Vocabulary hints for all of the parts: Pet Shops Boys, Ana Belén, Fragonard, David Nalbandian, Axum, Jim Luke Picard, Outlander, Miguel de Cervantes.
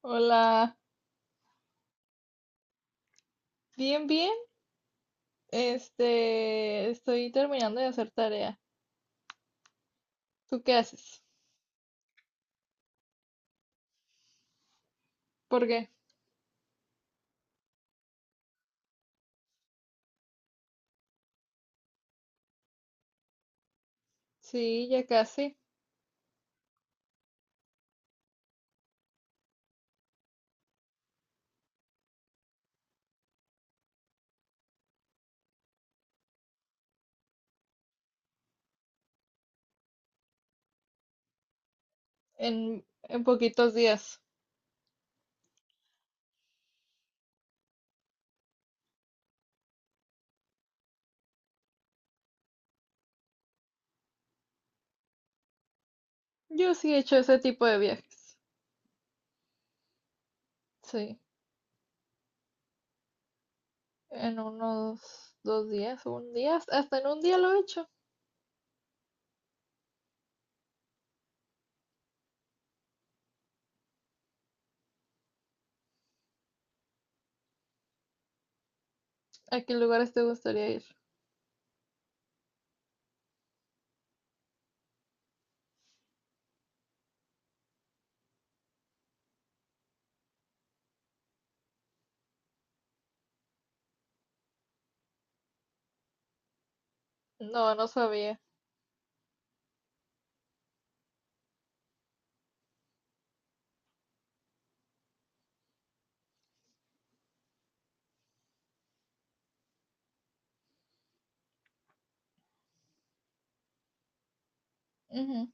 Hola, bien, bien. Estoy terminando de hacer tarea. ¿Tú qué haces? ¿Por qué? Sí, ya casi, en poquitos días. Yo sí he hecho ese tipo de viajes. Sí, en unos dos días, un día, hasta en un día lo he hecho. ¿A qué lugares te gustaría ir? No, no sabía. Ujú.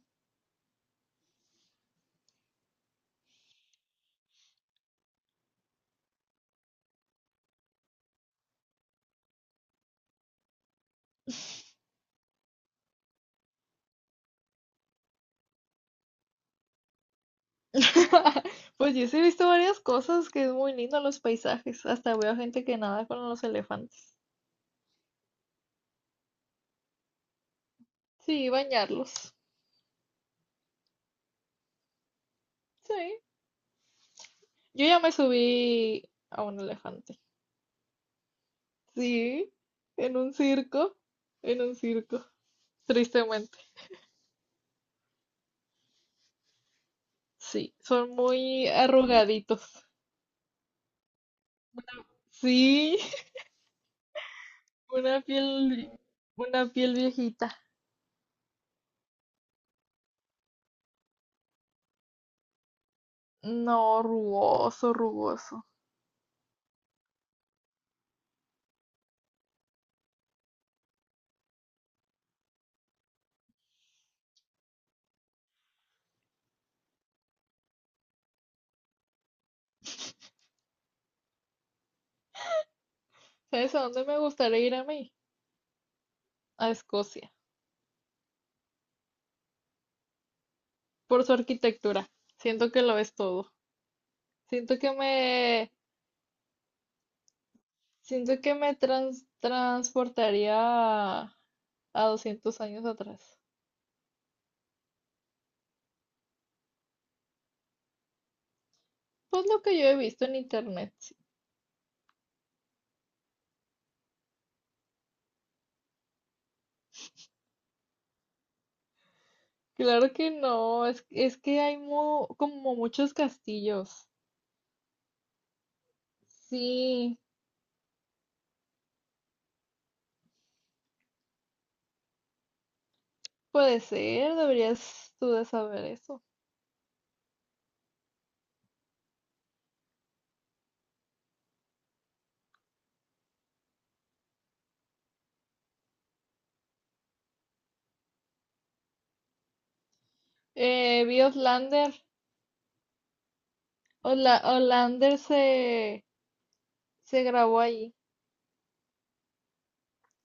Pues yo sí he visto varias cosas que es muy lindo los paisajes. Hasta veo gente que nada con los elefantes. Sí, bañarlos. Sí. Yo ya me subí a un elefante. Sí, en un circo, en un circo, tristemente. Sí, son muy arrugaditos. Sí, una piel, una piel viejita. No, rugoso, rugoso. ¿Sabes a dónde me gustaría ir a mí? A Escocia, por su arquitectura. Siento que lo es todo. Siento que me, siento que me transportaría a, a 200 años atrás. Pues lo que yo he visto en internet. Sí. Claro que no, es que hay como muchos castillos. Sí, puede ser, deberías tú de saber eso. Vi Outlander. Ola- Outlander se, se grabó ahí.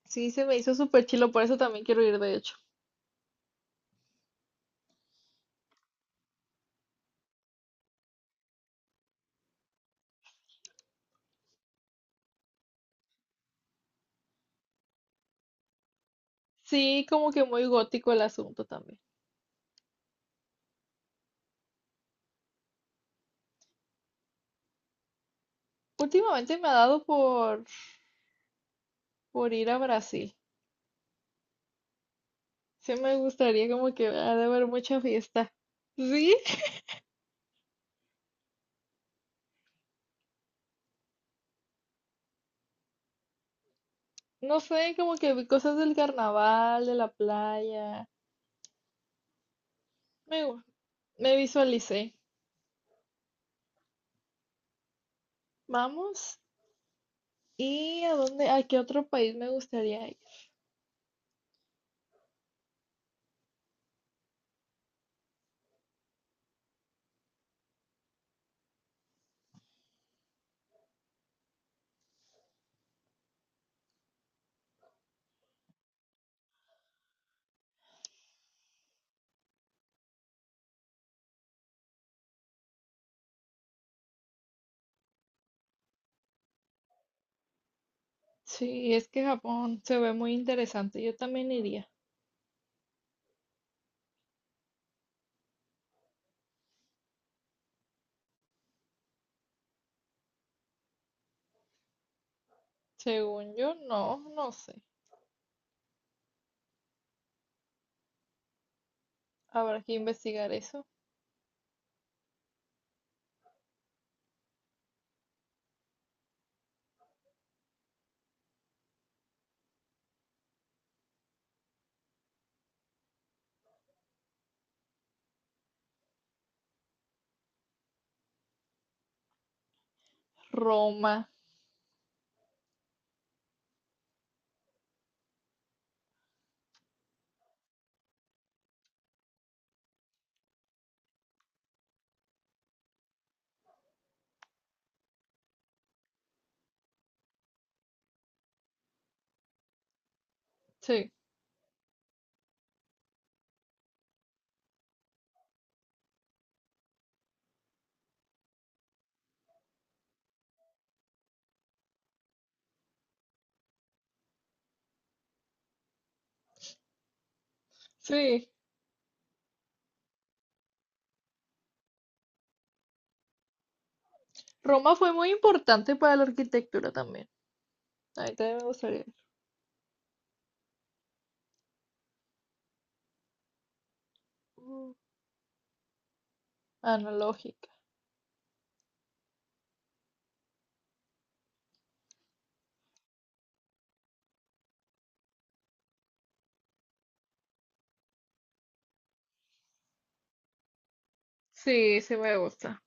Sí, se me hizo súper chilo, por eso también quiero ir, de hecho. Sí, como que muy gótico el asunto también. Últimamente me ha dado por ir a Brasil. Sí, me gustaría como que ha de haber mucha fiesta. ¿Sí? No sé, como que vi cosas del carnaval, de la playa. Me, gu- me visualicé. Vamos. ¿Y a dónde, a qué otro país me gustaría ir? Sí, es que Japón se ve muy interesante. Yo también iría. Según yo, no, no sé. Habrá que investigar eso. Roma. Sí, sí. Roma fue muy importante para la arquitectura también. Ahí también me gustaría ir. Mm, analógica. Sí, sí me gusta.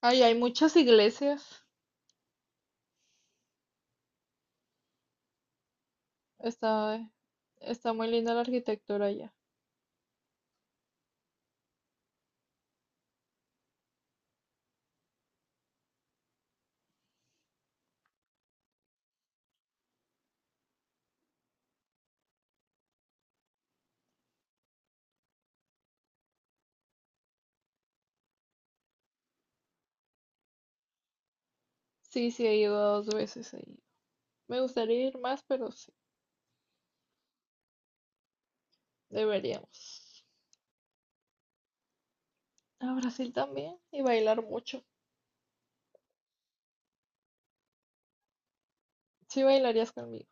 Ay, hay muchas iglesias. Está, está muy linda la arquitectura allá. Sí, sí, he ido dos veces ahí. Me gustaría ir más, pero sí, deberíamos. A Brasil también y bailar mucho. Sí, bailarías conmigo.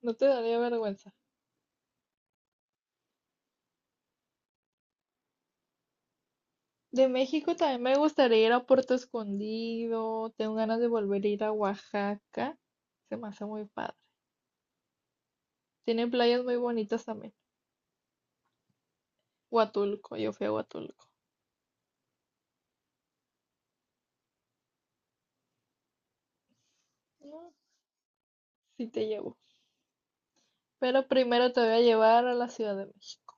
No te daría vergüenza. De México también me gustaría ir a Puerto Escondido. Tengo ganas de volver a ir a Oaxaca. Se me hace muy padre. Tienen playas muy bonitas también. Huatulco, yo fui a Huatulco. No, sí te llevo. Pero primero te voy a llevar a la Ciudad de México.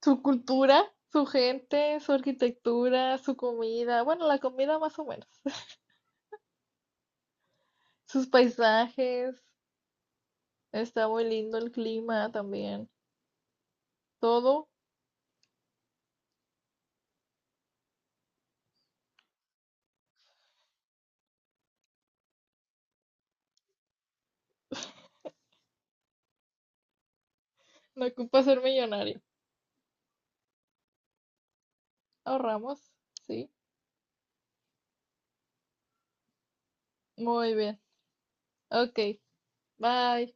Su cultura, su gente, su arquitectura, su comida, bueno, la comida más o menos, sus paisajes, está muy lindo el clima también, todo. No ocupa ser millonario. Ahorramos, sí. Muy bien. Ok, bye.